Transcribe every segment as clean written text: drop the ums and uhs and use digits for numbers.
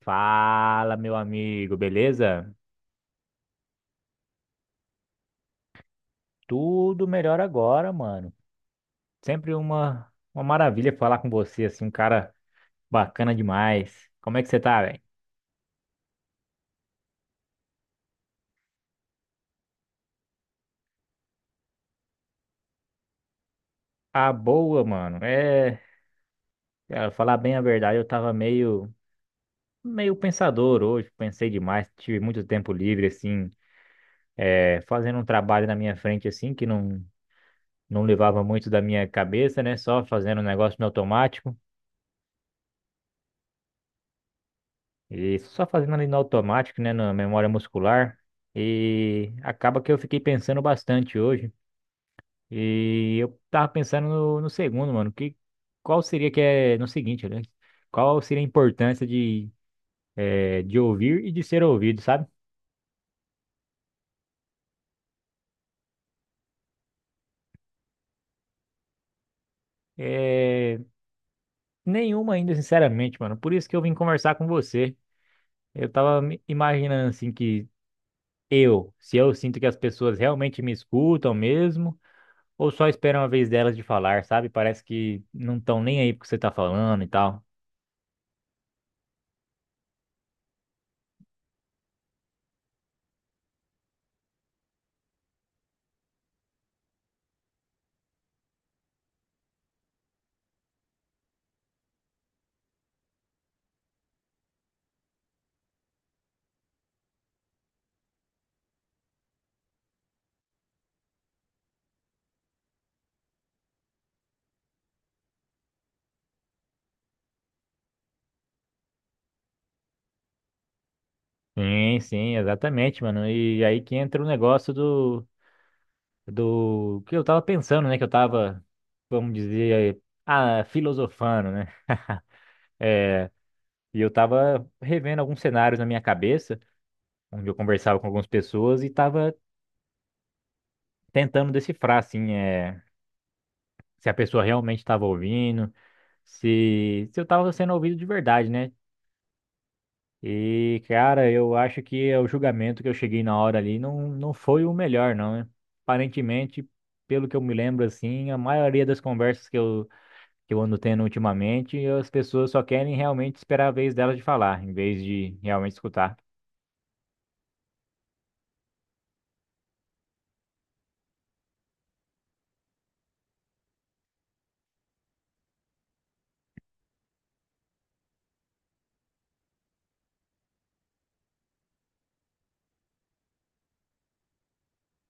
Fala, meu amigo, beleza? Tudo melhor agora, mano. Sempre uma maravilha falar com você, assim, um cara bacana demais. Como é que você tá, velho? Ah, boa, mano. Cara, falar bem a verdade, eu tava meio pensador hoje, pensei demais, tive muito tempo livre, assim, fazendo um trabalho na minha frente, assim, que não levava muito da minha cabeça, né? Só fazendo um negócio no automático. E só fazendo ali no automático, né, na memória muscular. E acaba que eu fiquei pensando bastante hoje. E eu tava pensando no segundo, mano. Que, qual seria que é no seguinte, né? Qual seria a importância de, de ouvir e de ser ouvido, sabe? É, nenhuma ainda, sinceramente, mano. Por isso que eu vim conversar com você. Eu tava me imaginando assim que eu, se eu sinto que as pessoas realmente me escutam mesmo. Ou só esperam uma vez delas de falar, sabe? Parece que não estão nem aí porque você tá falando e tal. Sim, sim, exatamente, mano. E aí que entra o negócio do, do que eu tava pensando, né? Que eu tava, vamos dizer, ah, filosofando, né? É, e eu tava revendo alguns cenários na minha cabeça, onde eu conversava com algumas pessoas e tava tentando decifrar, assim, é, se a pessoa realmente tava ouvindo, se eu tava sendo ouvido de verdade, né? E, cara, eu acho que é o julgamento que eu cheguei na hora ali não foi o melhor, não, né? Aparentemente, pelo que eu me lembro, assim, a maioria das conversas que eu ando tendo ultimamente, as pessoas só querem realmente esperar a vez delas de falar, em vez de realmente escutar.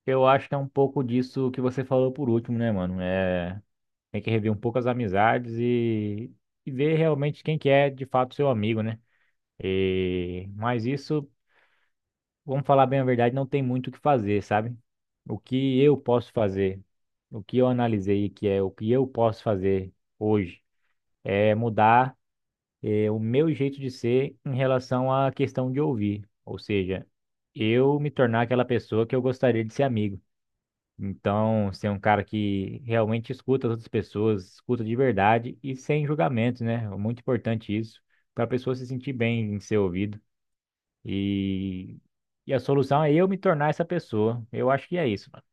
Eu acho que é um pouco disso que você falou por último, né, mano? É, tem que rever um pouco as amizades e ver realmente quem que é de fato seu amigo, né? E, mas isso. Vamos falar bem a verdade, não tem muito o que fazer, sabe? O que eu posso fazer, o que eu analisei que é o que eu posso fazer hoje, é mudar o meu jeito de ser em relação à questão de ouvir, ou seja, eu me tornar aquela pessoa que eu gostaria de ser amigo. Então, ser um cara que realmente escuta as outras pessoas, escuta de verdade e sem julgamento, né? É muito importante isso, para a pessoa se sentir bem em ser ouvido. E, e a solução é eu me tornar essa pessoa. Eu acho que é isso, mano.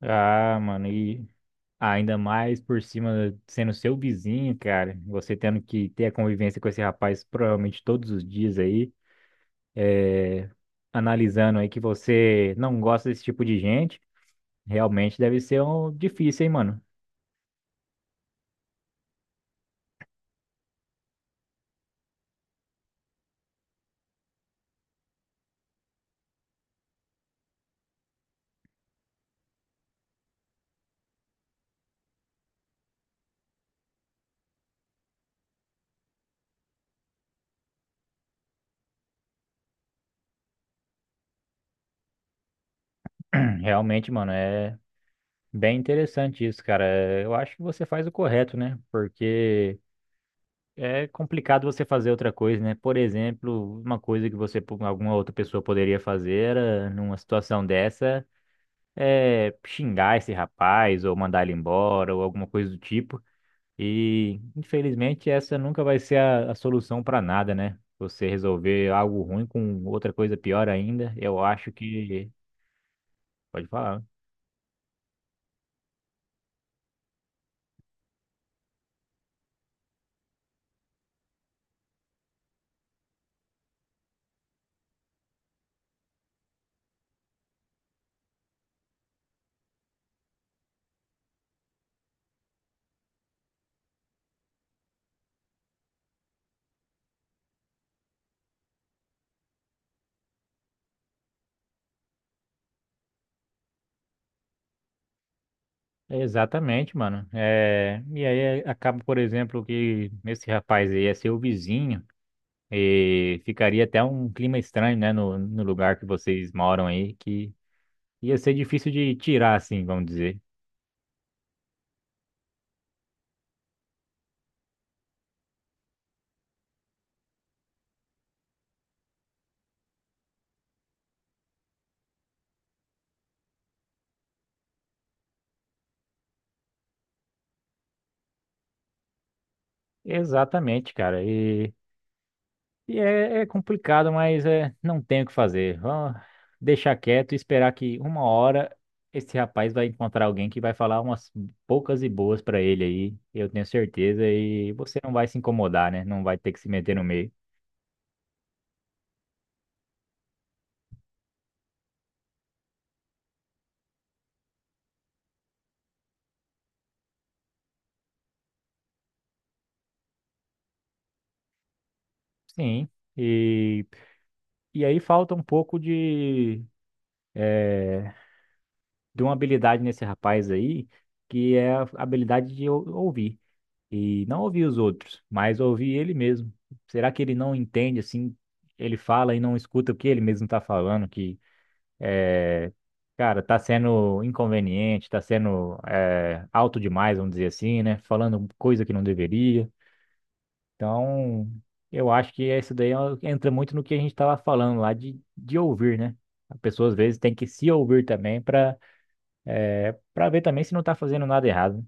Ah, mano, e ainda mais por cima sendo seu vizinho, cara. Você tendo que ter a convivência com esse rapaz provavelmente todos os dias aí, analisando aí que você não gosta desse tipo de gente. Realmente deve ser um difícil, hein, mano. Realmente, mano, é bem interessante isso, cara. Eu acho que você faz o correto, né? Porque é complicado você fazer outra coisa, né? Por exemplo, uma coisa que você, alguma outra pessoa poderia fazer era, numa situação dessa é xingar esse rapaz ou mandar ele embora ou alguma coisa do tipo. E, infelizmente, essa nunca vai ser a solução para nada, né? Você resolver algo ruim com outra coisa pior ainda, eu acho que. Pode falar. Exatamente, mano. É, e aí acaba, por exemplo, que esse rapaz aí é seu vizinho. E ficaria até um clima estranho, né, no lugar que vocês moram aí, que ia ser difícil de tirar, assim, vamos dizer. Exatamente, cara. E é complicado, mas é, não tem o que fazer. Vamos deixar quieto e esperar que uma hora esse rapaz vai encontrar alguém que vai falar umas poucas e boas pra ele aí, eu tenho certeza, e você não vai se incomodar, né? Não vai ter que se meter no meio. Sim. E, e aí falta um pouco de uma habilidade nesse rapaz aí, que é a habilidade de ouvir. E não ouvir os outros, mas ouvir ele mesmo. Será que ele não entende, assim, ele fala e não escuta o que ele mesmo tá falando, que é, cara, tá sendo inconveniente, tá sendo é, alto demais, vamos dizer assim, né? Falando coisa que não deveria. Então, eu acho que isso daí entra muito no que a gente tava falando lá de ouvir, né? A pessoa às vezes tem que se ouvir também para pra ver também se não tá fazendo nada errado.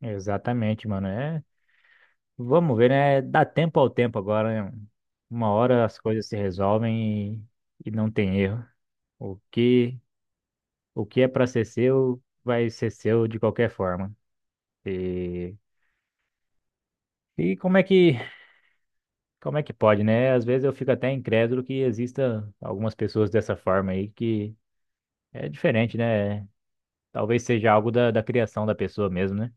Exatamente, mano. É, vamos ver, né? Dá tempo ao tempo agora, né? Uma hora as coisas se resolvem e não tem erro. O que, o que é pra ser seu, vai ser seu de qualquer forma. E, e como é que pode, né? Às vezes eu fico até incrédulo que exista algumas pessoas dessa forma aí que é diferente, né? Talvez seja algo da criação da pessoa mesmo, né?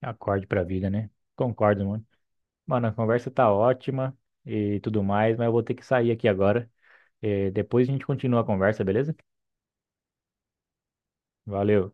Acorde pra vida, né? Concordo, mano. Mano, a conversa tá ótima e tudo mais, mas eu vou ter que sair aqui agora. Depois a gente continua a conversa, beleza? Valeu.